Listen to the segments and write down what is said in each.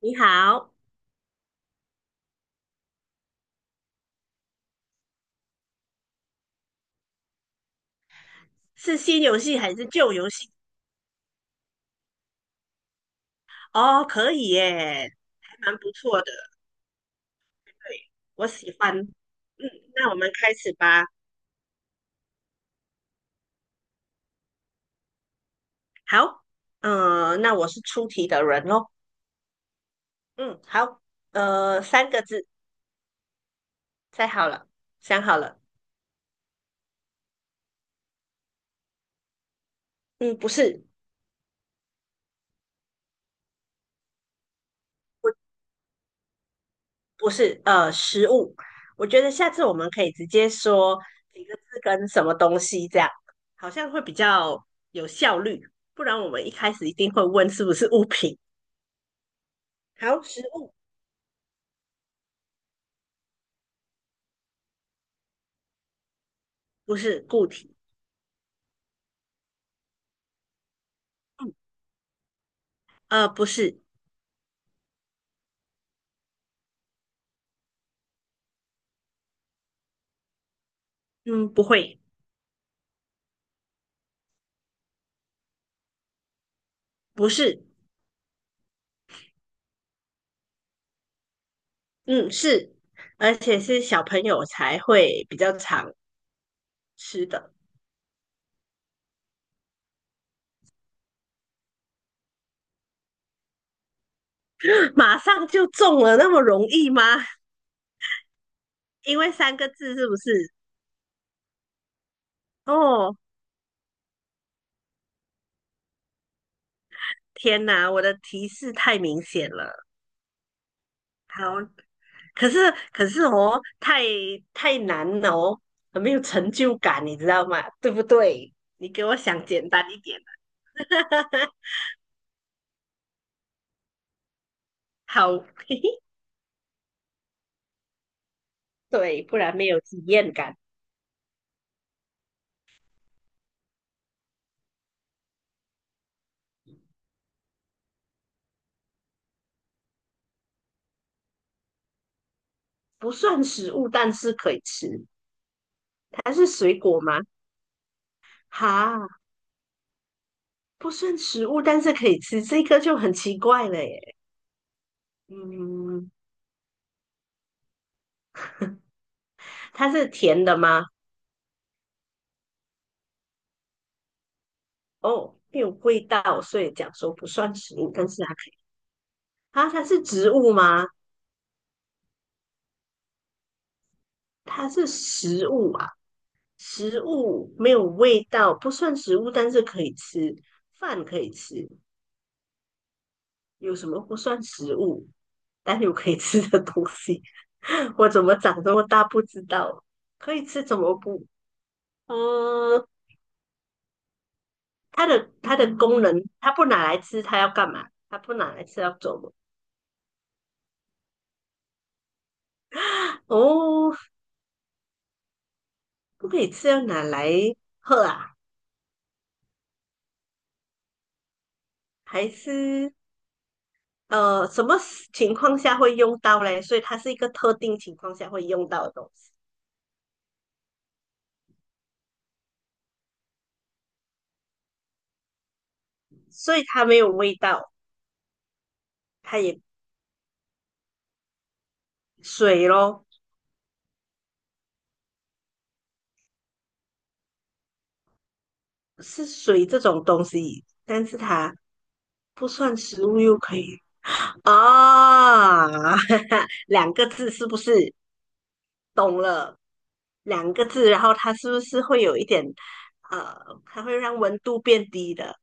你好，是新游戏还是旧游戏？哦，可以耶，还蛮不错的，对，我喜欢。嗯，那我们开始吧。好，那我是出题的人咯。嗯，好，三个字，猜好了，想好了。嗯，不是，不，不是，食物。我觉得下次我们可以直接说几个字跟什么东西，这样好像会比较有效率。不然我们一开始一定会问是不是物品。好，食物。不是固体，嗯，不是，嗯，不会，不是，嗯，是，而且是小朋友才会比较常吃的。马上就中了，那么容易吗？因为三个字是不是？哦，天哪，我的提示太明显了。好，可是哦，太难了哦，很没有成就感，你知道吗？对不对？你给我想简单一点。好，嘿嘿，对，不然没有体验感。不算食物，但是可以吃。它是水果吗？哈，不算食物，但是可以吃，这个就很奇怪了耶。嗯，它是甜的吗？哦，没有味道，所以讲说不算食物，但是它可以。啊，它是植物吗？它是食物啊，食物没有味道，不算食物，但是可以吃，饭可以吃。有什么不算食物？但有可以吃的东西。我怎么长这么大不知道，可以吃怎么不？嗯，它的功能，它不拿来吃，它要干嘛？它不拿来吃要做么？哦，不可以吃要拿来喝啊？还是什么情况下会用到嘞？所以它是一个特定情况下会用到的东西，所以它没有味道，它也水咯，是水这种东西，但是它不算食物又可以啊。两个字是不是？懂了，两个字，然后它是不是会有一点，呃，它会让温度变低的。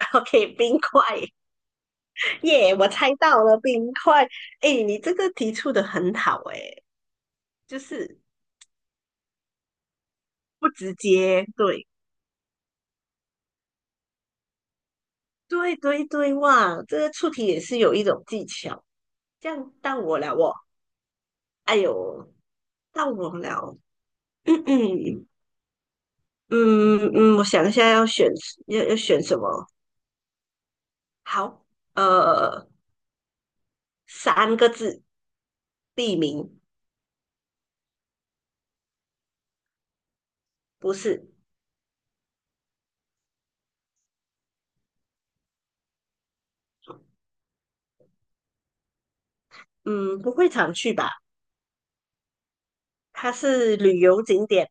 ？OK，冰块，耶、我猜到了冰块。哎，你这个提出的很好，哎，就是不直接，对，对对对，哇，这个出题也是有一种技巧。这样到我了，我，哎呦，到我了。嗯嗯。嗯嗯，我想一下要选要选什么？好，呃，三个字，地名。不是，嗯，不会常去吧？它是旅游景点。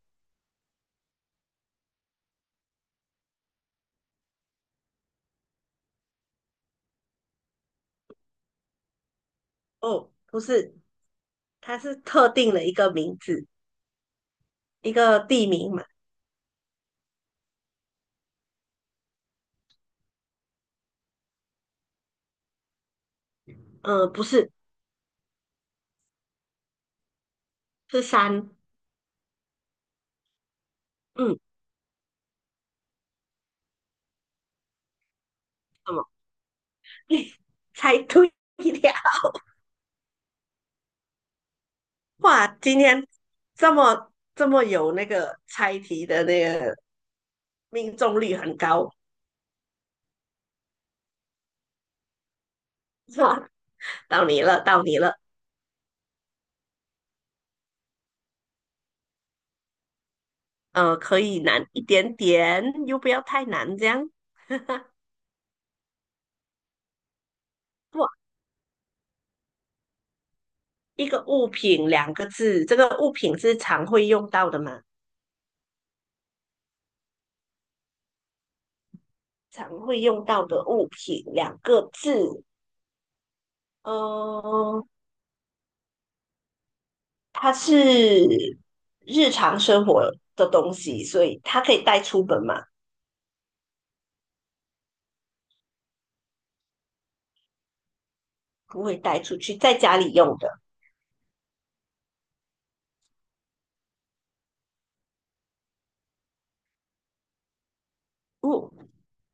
哦，不是，它是特定的一个名字，一个地名嘛。不是，是山，嗯，什么？猜对了，哇，今天这么这么有那个猜题的那个命中率很高。哇，到你了，到你了。可以难一点点，又不要太难，这样。不，一个物品两个字，这个物品是常会用到的嘛？常会用到的物品两个字，呃，它是日常生活的东西，所以它可以带出门嘛？不会带出去，在家里用的。嗯，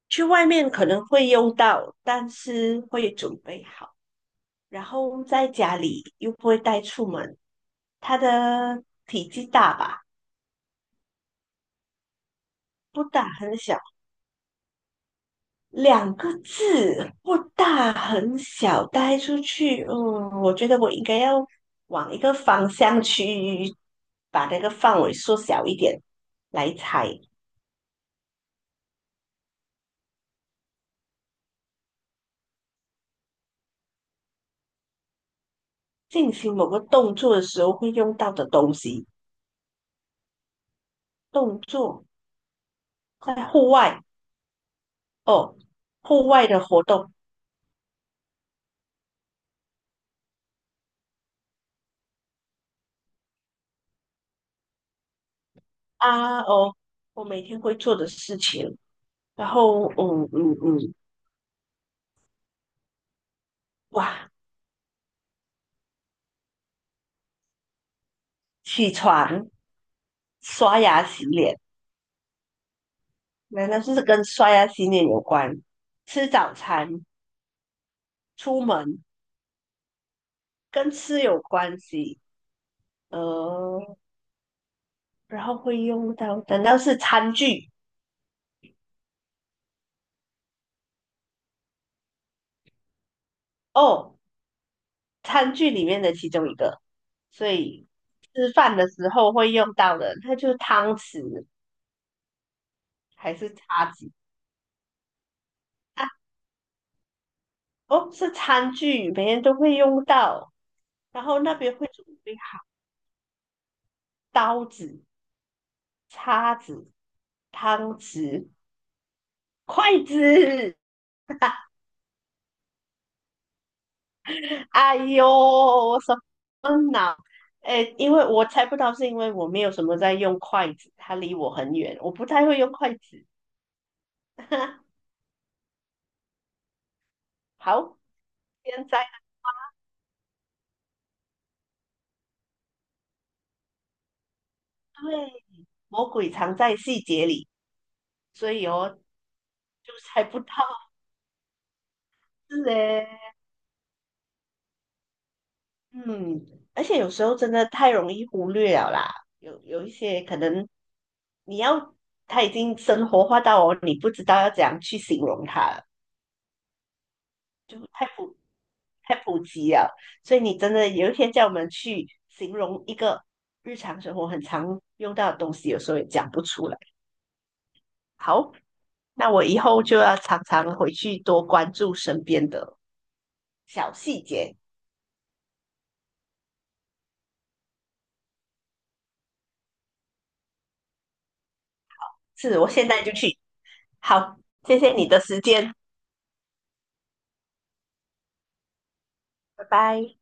去外面可能会用到，但是会准备好。然后在家里又不会带出门，它的体积大吧？不大很小，两个字，不大很小，带出去，嗯，我觉得我应该要往一个方向去，把那个范围缩小一点来猜。进行某个动作的时候会用到的东西，动作在户外哦，户外的活动，啊哦，我每天会做的事情。然后嗯嗯嗯，哇，起床、刷牙、洗脸，难道是跟刷牙洗脸有关？吃早餐、出门，跟吃有关系，呃，然后会用到，难道是餐具？哦，餐具里面的其中一个，所以吃饭的时候会用到的，那就是汤匙还是叉子啊？哦，是餐具，每天都会用到，然后那边会准备刀子。叉子、汤匙、筷子。哎呦，我手嗯呐，哎，因为我猜不到，是因为我没有什么在用筷子，它离我很远，我不太会用筷子。好，现在对，魔鬼藏在细节里，所以哦，就猜不到，是哎。嗯，而且有时候真的太容易忽略了啦，有一些可能你要它已经生活化到哦，你不知道要怎样去形容它了，就太普及了，所以你真的有一天叫我们去形容一个日常生活很常用到的东西，有时候也讲不出来。好，那我以后就要常常回去多关注身边的小细节。是，我现在就去。好，谢谢你的时间，拜拜。